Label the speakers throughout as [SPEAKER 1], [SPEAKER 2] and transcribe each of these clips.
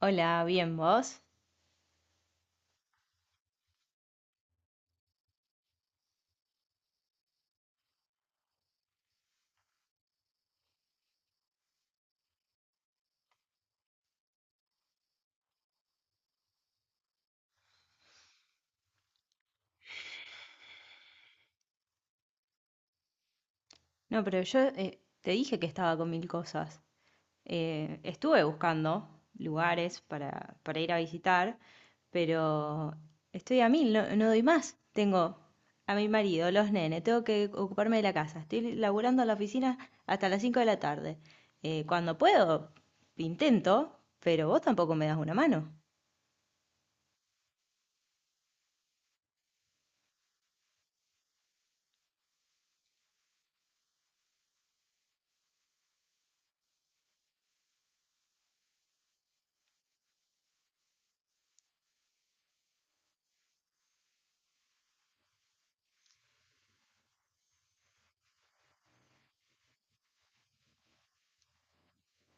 [SPEAKER 1] Hola, bien, ¿vos? No, pero yo te dije que estaba con mil cosas. Estuve buscando lugares para ir a visitar, pero estoy a mil, no, no doy más. Tengo a mi marido, los nenes, tengo que ocuparme de la casa. Estoy laburando en la oficina hasta las 5 de la tarde. Cuando puedo, intento, pero vos tampoco me das una mano.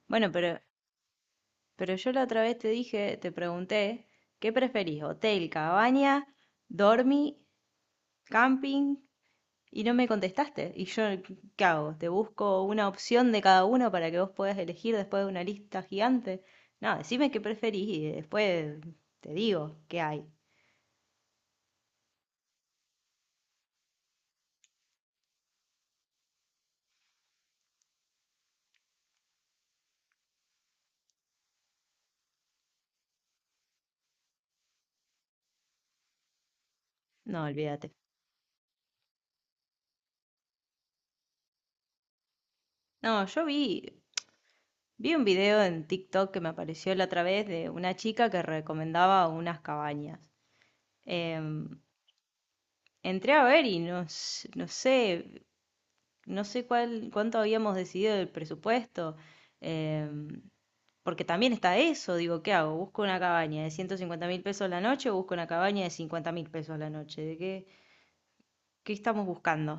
[SPEAKER 1] Bueno, pero yo la otra vez te dije, te pregunté, ¿qué preferís? ¿Hotel, cabaña, dormi camping? Y no me contestaste. ¿Y yo qué hago? ¿Te busco una opción de cada uno para que vos puedas elegir después de una lista gigante? No, decime qué preferís y después te digo qué hay. No, olvídate. No, yo vi un video en TikTok que me apareció la otra vez de una chica que recomendaba unas cabañas. Em, Entré a ver y no, no sé cuánto habíamos decidido del presupuesto. Em, Porque también está eso, digo, ¿qué hago? ¿Busco una cabaña de 150 mil pesos la noche o busco una cabaña de 50 mil pesos la noche? ¿De qué estamos buscando?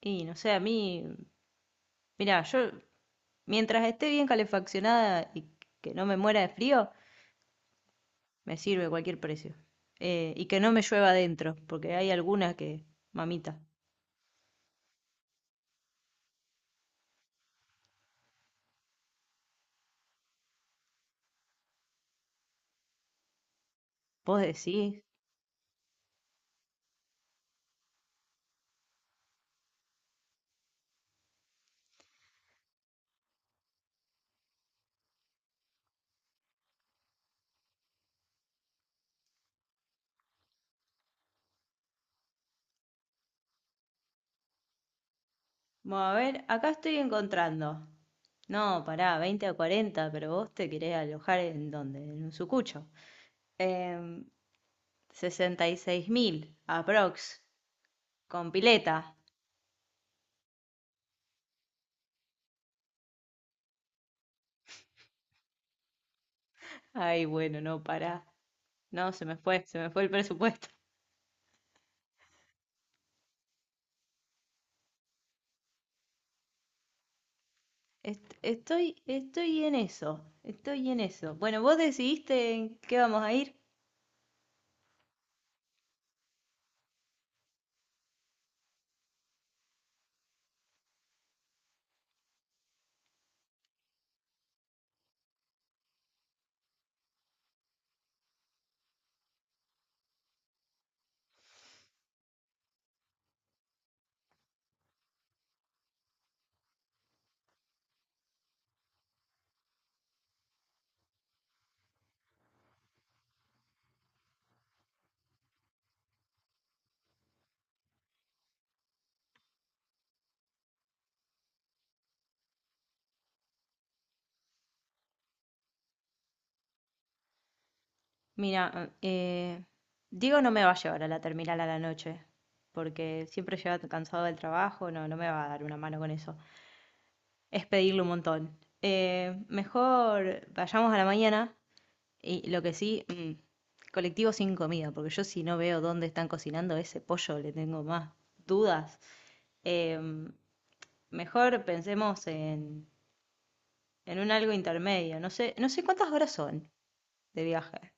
[SPEAKER 1] Y no sé, a mí, mira, yo mientras esté bien calefaccionada y que no me muera de frío, me sirve cualquier precio. Y que no me llueva adentro, porque hay algunas que, mamita, vos decís, bueno, a ver, acá estoy encontrando. No, pará, 20 a 40, pero vos te querés alojar en dónde, en un sucucho. Em, 66.000, aprox, con pileta. Ay, bueno, no, pará. No, se me fue el presupuesto. Estoy en eso, estoy en eso. Bueno, vos decidiste en qué vamos a ir. Mira, Diego no me va a llevar a la terminal a la noche, porque siempre llega cansado del trabajo, no, no me va a dar una mano con eso. Es pedirle un montón. Mejor vayamos a la mañana. Y lo que sí, colectivo sin comida, porque yo si no veo dónde están cocinando ese pollo, le tengo más dudas. Em, Mejor pensemos en un algo intermedio. No sé, no sé cuántas horas son de viaje.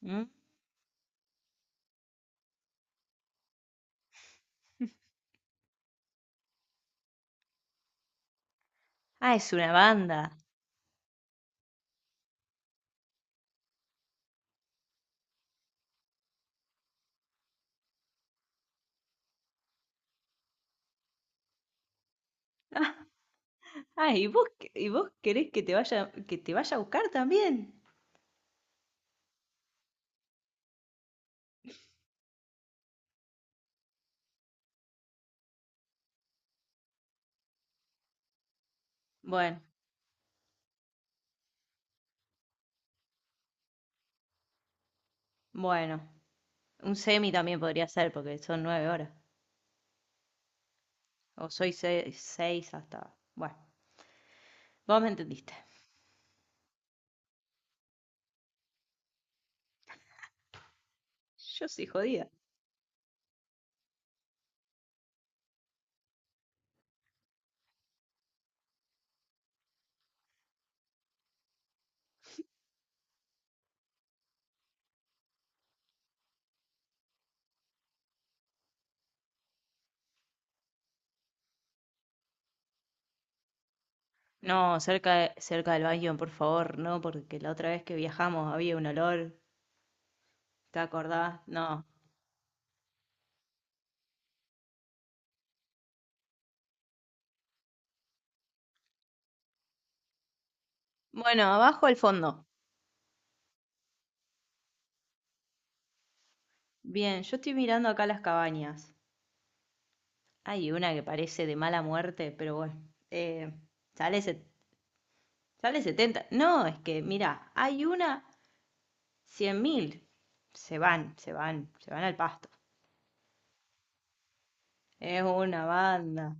[SPEAKER 1] ¿Mm? Ah, es una banda. Ah, ¿Y vos, querés que que te vaya a buscar también? Bueno, bueno, un semi también podría ser, porque son 9 horas. O soy seis, hasta. Bueno, vos me entendiste. Yo soy jodida. No, cerca del baño, por favor, no, porque la otra vez que viajamos había un olor, ¿te acordás? No. Bueno, abajo al fondo. Bien, yo estoy mirando acá las cabañas. Hay una que parece de mala muerte, pero bueno, eh, sale, se- sale 70. No, es que, mira, hay una 100.000. Se van, se van, se van al pasto. Es una banda.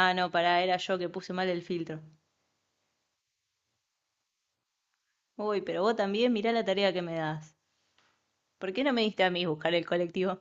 [SPEAKER 1] Ah, no, pará, era yo que puse mal el filtro. Uy, pero vos también mirá la tarea que me das. ¿Por qué no me diste a mí buscar el colectivo?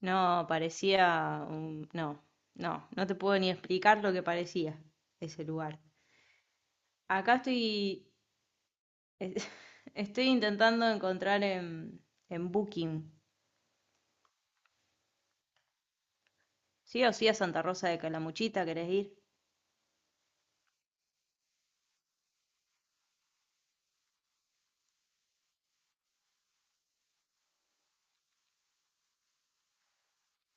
[SPEAKER 1] No, parecía un… No, no, no te puedo ni explicar lo que parecía ese lugar. Acá estoy, es- estoy intentando encontrar en Booking. Sí o sí a Santa Rosa de Calamuchita, ¿querés ir?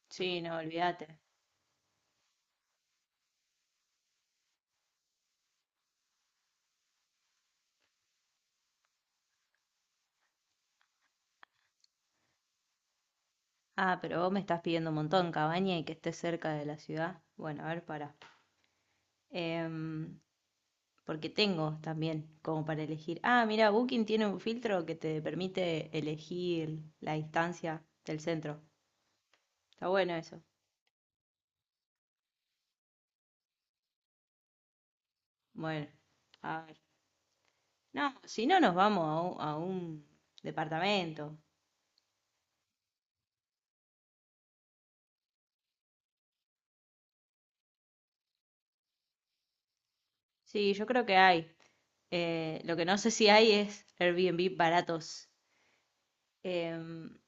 [SPEAKER 1] Sí, no, olvídate. Ah, pero vos me estás pidiendo un montón, cabaña y que esté cerca de la ciudad. Bueno, a ver, para porque tengo también como para elegir. Ah, mira, Booking tiene un filtro que te permite elegir la distancia del centro. Está bueno eso. Bueno, a ver. No, si no nos vamos a un departamento. Sí, yo creo que hay. Lo que no sé si hay es Airbnb baratos. Em,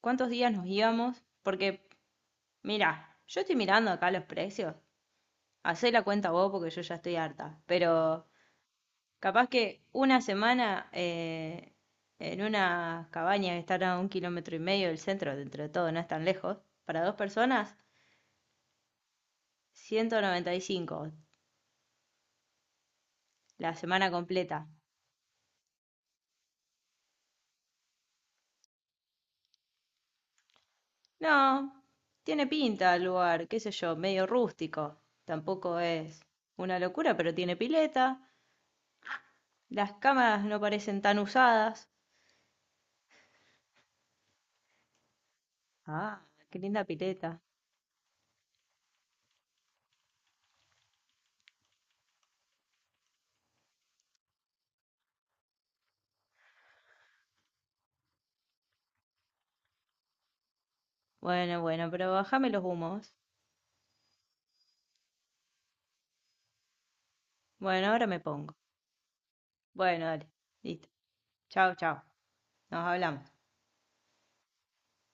[SPEAKER 1] ¿Cuántos días nos íbamos? Porque, mira, yo estoy mirando acá los precios. Hacé la cuenta vos porque yo ya estoy harta. Pero capaz que una semana en una cabaña que está a un kilómetro y medio del centro, dentro de todo, no es tan lejos, para dos personas, 195. La semana completa. No, tiene pinta el lugar, qué sé yo, medio rústico. Tampoco es una locura, pero tiene pileta. Las cámaras no parecen tan usadas. Ah, qué linda pileta. Bueno, bueno, pero bájame los humos. Bueno, ahora me pongo. Bueno, dale. Listo. Chao, chao. Nos hablamos.